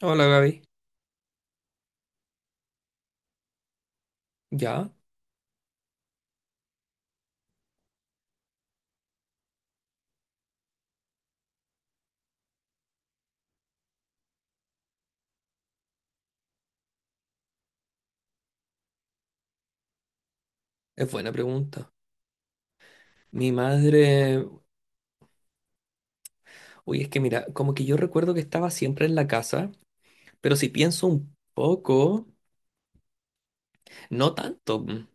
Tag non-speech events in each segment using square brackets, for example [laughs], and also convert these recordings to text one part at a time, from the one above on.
Hola Gaby, ya, es buena pregunta. Mi madre, uy, es que mira, como que yo recuerdo que estaba siempre en la casa, pero si pienso un poco, no tanto. Mm.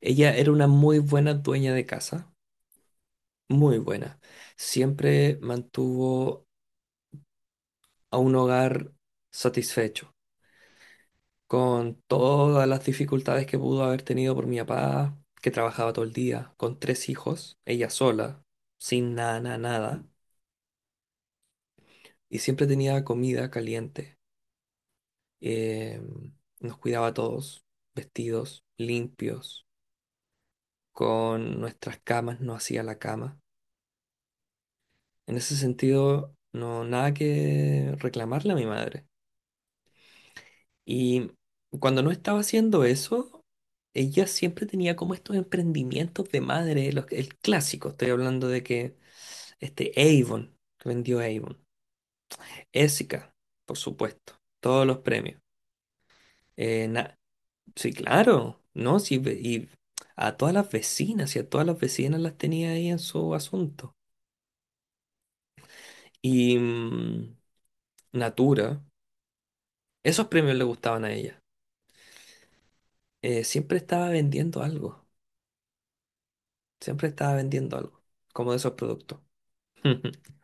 Ella era una muy buena dueña de casa, muy buena. Siempre mantuvo a un hogar satisfecho, con todas las dificultades que pudo haber tenido por mi papá, que trabajaba todo el día, con tres hijos, ella sola, sin nada, nada, nada, y siempre tenía comida caliente, eh, nos cuidaba a todos, vestidos, limpios, con nuestras camas, no hacía la cama. En ese sentido, no, nada que reclamarle a mi madre. Y cuando no estaba haciendo eso, ella siempre tenía como estos emprendimientos de madre, el clásico, estoy hablando de que este Avon, que vendió Avon, Essica, por supuesto, todos los premios. Sí, claro, ¿no? Sí, y a todas las vecinas, y a todas las vecinas las tenía ahí en su asunto. Y Natura, esos premios le gustaban a ella. Siempre estaba vendiendo algo, siempre estaba vendiendo algo, como de esos productos. [laughs]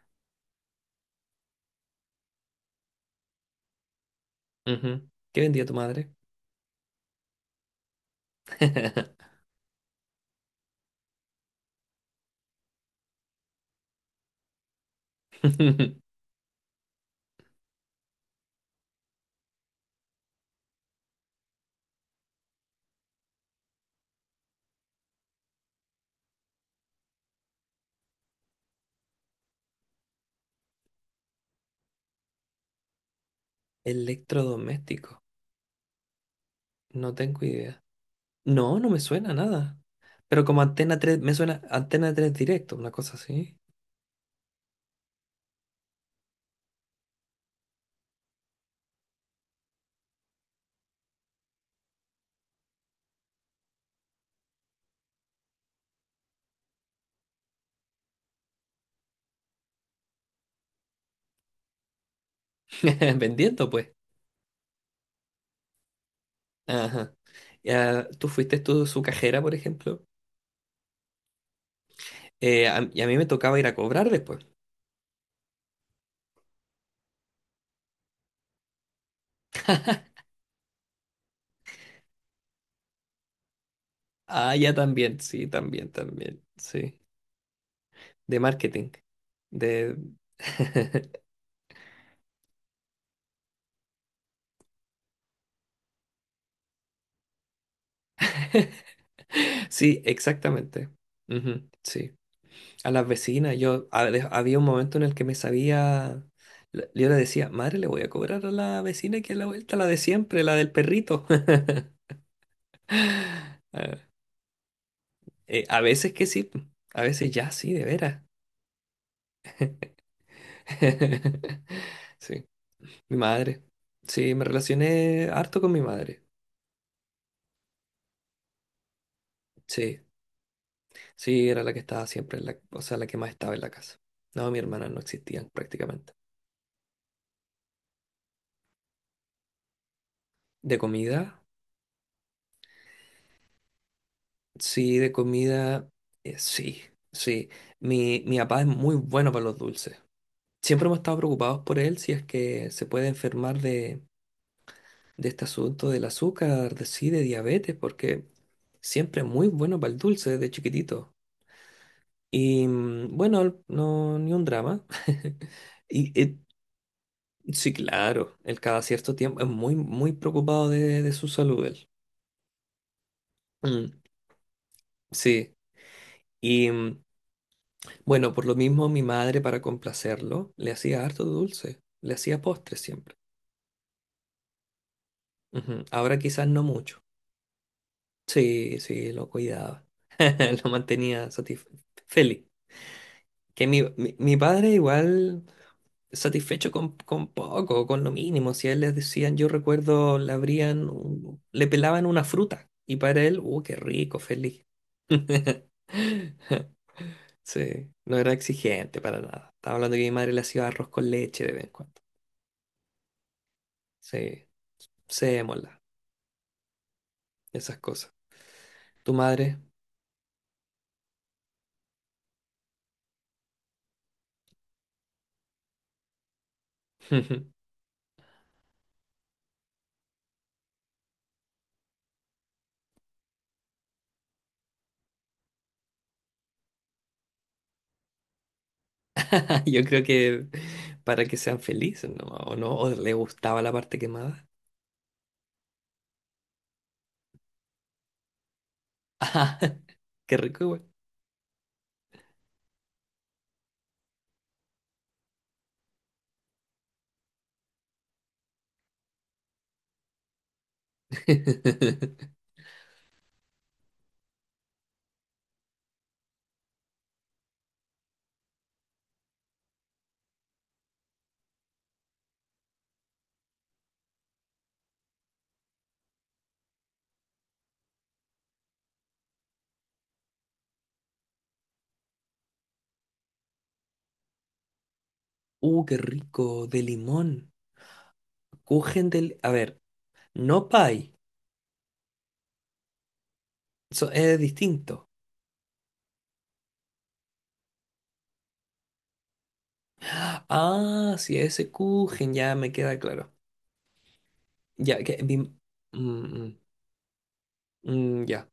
Ujú. ¿Qué vendía tu madre? [laughs] Electrodoméstico, no tengo idea. No, no me suena nada. Pero como Antena tres, me suena Antena tres directo, una cosa así. [laughs] Vendiendo, pues. Ajá. Ya, tú fuiste tú su cajera, por ejemplo. Y a mí me tocaba ir a cobrar después. Ah, ya también, sí, también, también, sí. De marketing. De... [laughs] Sí, exactamente. Ujú, sí. A las vecinas, había un momento en el que me sabía, yo le decía, madre, le voy a cobrar a la vecina que a la vuelta, la de siempre, la del perrito. [laughs] Ah, a veces que sí, a veces ya sí, de veras. [laughs] Sí. Mi madre. Sí, me relacioné harto con mi madre. Sí, sí, era la que estaba siempre en la, o sea, la que más estaba en la casa. No, mi hermana no existían prácticamente. ¿De comida? Sí, de comida, sí, sí. Mi papá es muy bueno para los dulces. Siempre hemos estado preocupados por él si es que se puede enfermar de este asunto del azúcar, de sí, de diabetes, porque siempre es muy bueno para el dulce desde chiquitito. Y bueno, no, ni un drama. [laughs] Y, sí, claro, él cada cierto tiempo es muy, muy preocupado de su salud, él. Mm, sí. Y bueno, por lo mismo mi madre, para complacerlo, le hacía harto dulce, le hacía postres siempre. Ujú, ahora quizás no mucho. Sí, sí, lo cuidaba. [laughs] Lo mantenía satisf- feliz. Que mi padre igual satisfecho con poco, con lo mínimo. Si a él les decían, yo recuerdo, le abrían, le pelaban una fruta. Y para él, qué rico, feliz. [laughs] Sí, no era exigente para nada. Estaba hablando que mi madre le hacía arroz con leche de vez en cuando. Sí, sémola, esas cosas. ¿Tu madre? [laughs] Yo creo que para que sean felices, ¿no? ¿O no? ¿O le gustaba la parte quemada? Qué rico, igual. [laughs] Qué rico, de limón. Kuchen del... A ver, no pie. Eso es distinto. Ah, sí, ese Kuchen ya me queda claro. Ya, que mi... mm, mm, mm, ya.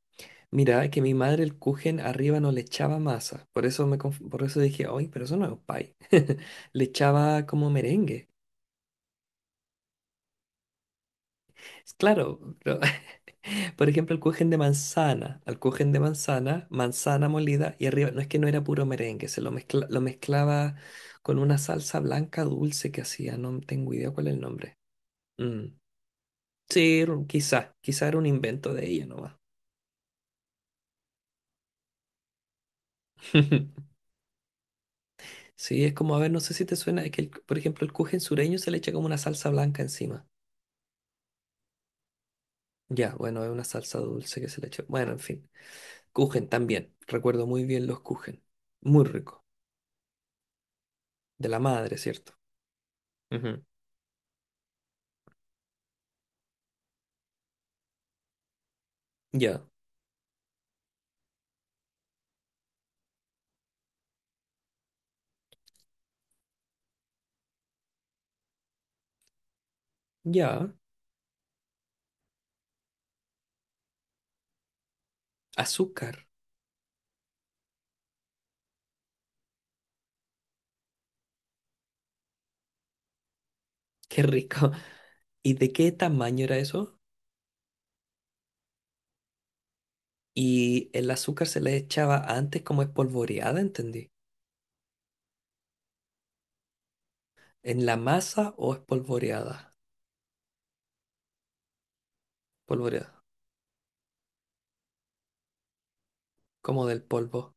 Mira, que mi madre el Kuchen arriba no le echaba masa. Por eso por eso dije, oye, pero eso no es pie. [laughs] Le echaba como merengue. Claro, pero [laughs] Por ejemplo, el kuchen de manzana. Al kuchen de manzana, manzana molida y arriba, no es que no era puro merengue, lo mezclaba con una salsa blanca dulce que hacía, no tengo idea cuál es el nombre. Mm. Sí, quizá, quizá era un invento de ella nomás. [laughs] Sí, es como, a ver, no sé si te suena, por ejemplo, el kuchen sureño se le echa como una salsa blanca encima. Ya, bueno, es una salsa dulce que se le echa. Bueno, en fin. Kuchen también. Recuerdo muy bien los kuchen. Muy rico. De la madre, ¿cierto? Ujú. Ya. Ya, azúcar, qué rico. [laughs] ¿Y de qué tamaño era eso? Y el azúcar se le echaba antes como espolvoreada, entendí. ¿En la masa o espolvoreada? Polvoreada, como del polvo.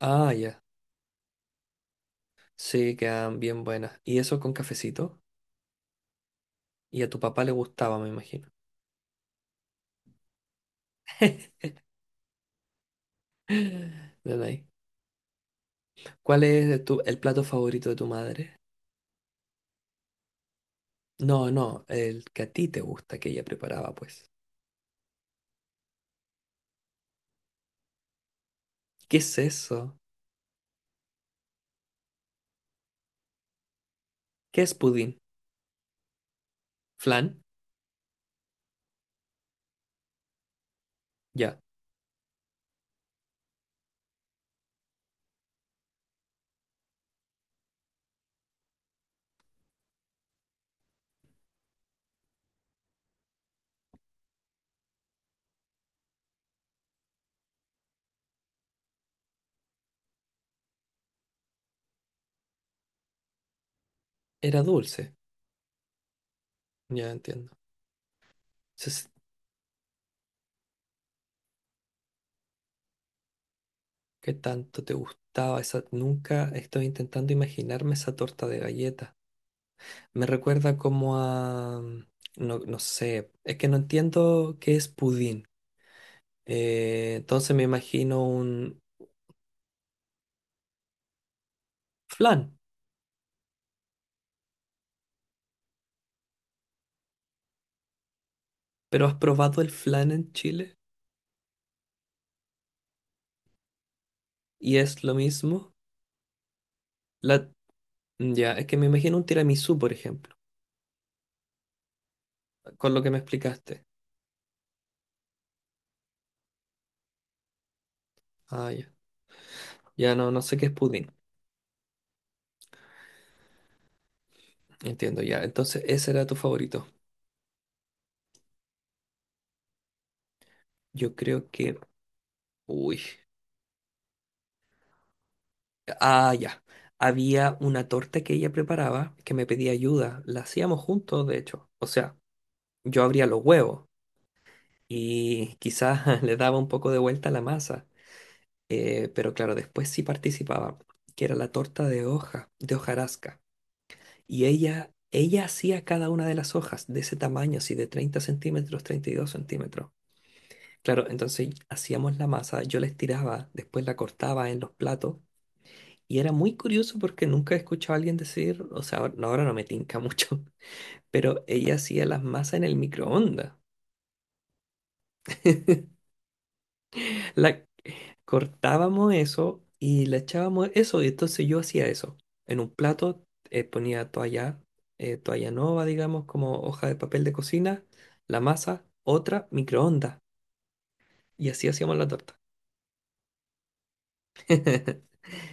Ah, ya. Sí, quedan bien buenas. ¿Y eso con cafecito? Y a tu papá le gustaba, me imagino. [laughs] Ven ahí. ¿Cuál es el plato favorito de tu madre? No, no, el que a ti te gusta que ella preparaba, pues. ¿Qué es eso? ¿Qué es pudín? ¿Flan? Ya. Era dulce. Ya entiendo. Entonces, ¿qué tanto te gustaba esa? Nunca estoy intentando imaginarme esa torta de galleta. Me recuerda como a... no, no sé, es que no entiendo qué es pudín. Entonces me imagino un flan. ¿Pero has probado el flan en Chile? ¿Y es lo mismo? La... Ya, es que me imagino un tiramisú, por ejemplo, con lo que me explicaste. Ah, ya. Ya no, no sé qué es pudín. Entiendo, ya. Entonces, ese era tu favorito. Yo creo que... Uy. Ah, ya. Había una torta que ella preparaba que me pedía ayuda. La hacíamos juntos, de hecho. O sea, yo abría los huevos y quizás [laughs] le daba un poco de vuelta a la masa. Pero claro, después sí participaba, que era la torta de hoja, de hojarasca. Y ella hacía cada una de las hojas de ese tamaño, así de 30 centímetros, 32 centímetros. Claro, entonces hacíamos la masa, yo la estiraba, después la cortaba en los platos. Y era muy curioso porque nunca he escuchado a alguien decir, o sea, ahora no me tinca mucho, [laughs] pero ella hacía las masas en el microondas. [laughs] La cortábamos eso y la echábamos eso, y entonces yo hacía eso. En un plato, ponía toalla, toalla nova, digamos, como hoja de papel de cocina, la masa, otra, microondas. Y así hacíamos la torta. [laughs]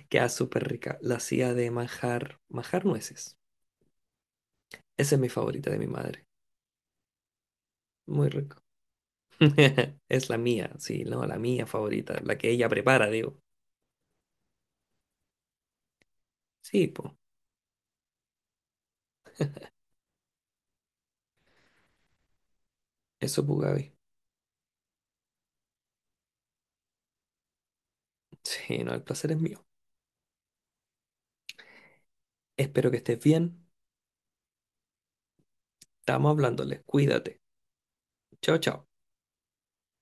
Queda súper rica. La hacía de manjar, manjar nueces. Esa es mi favorita de mi madre. Muy rico. [laughs] Es la mía, sí, no, la mía favorita, la que ella prepara, digo. Sí, pues, eso, pues, Gaby. [laughs] Sí, no, el placer es mío. Espero que estés bien. Estamos hablándole. Cuídate. Chao, chao.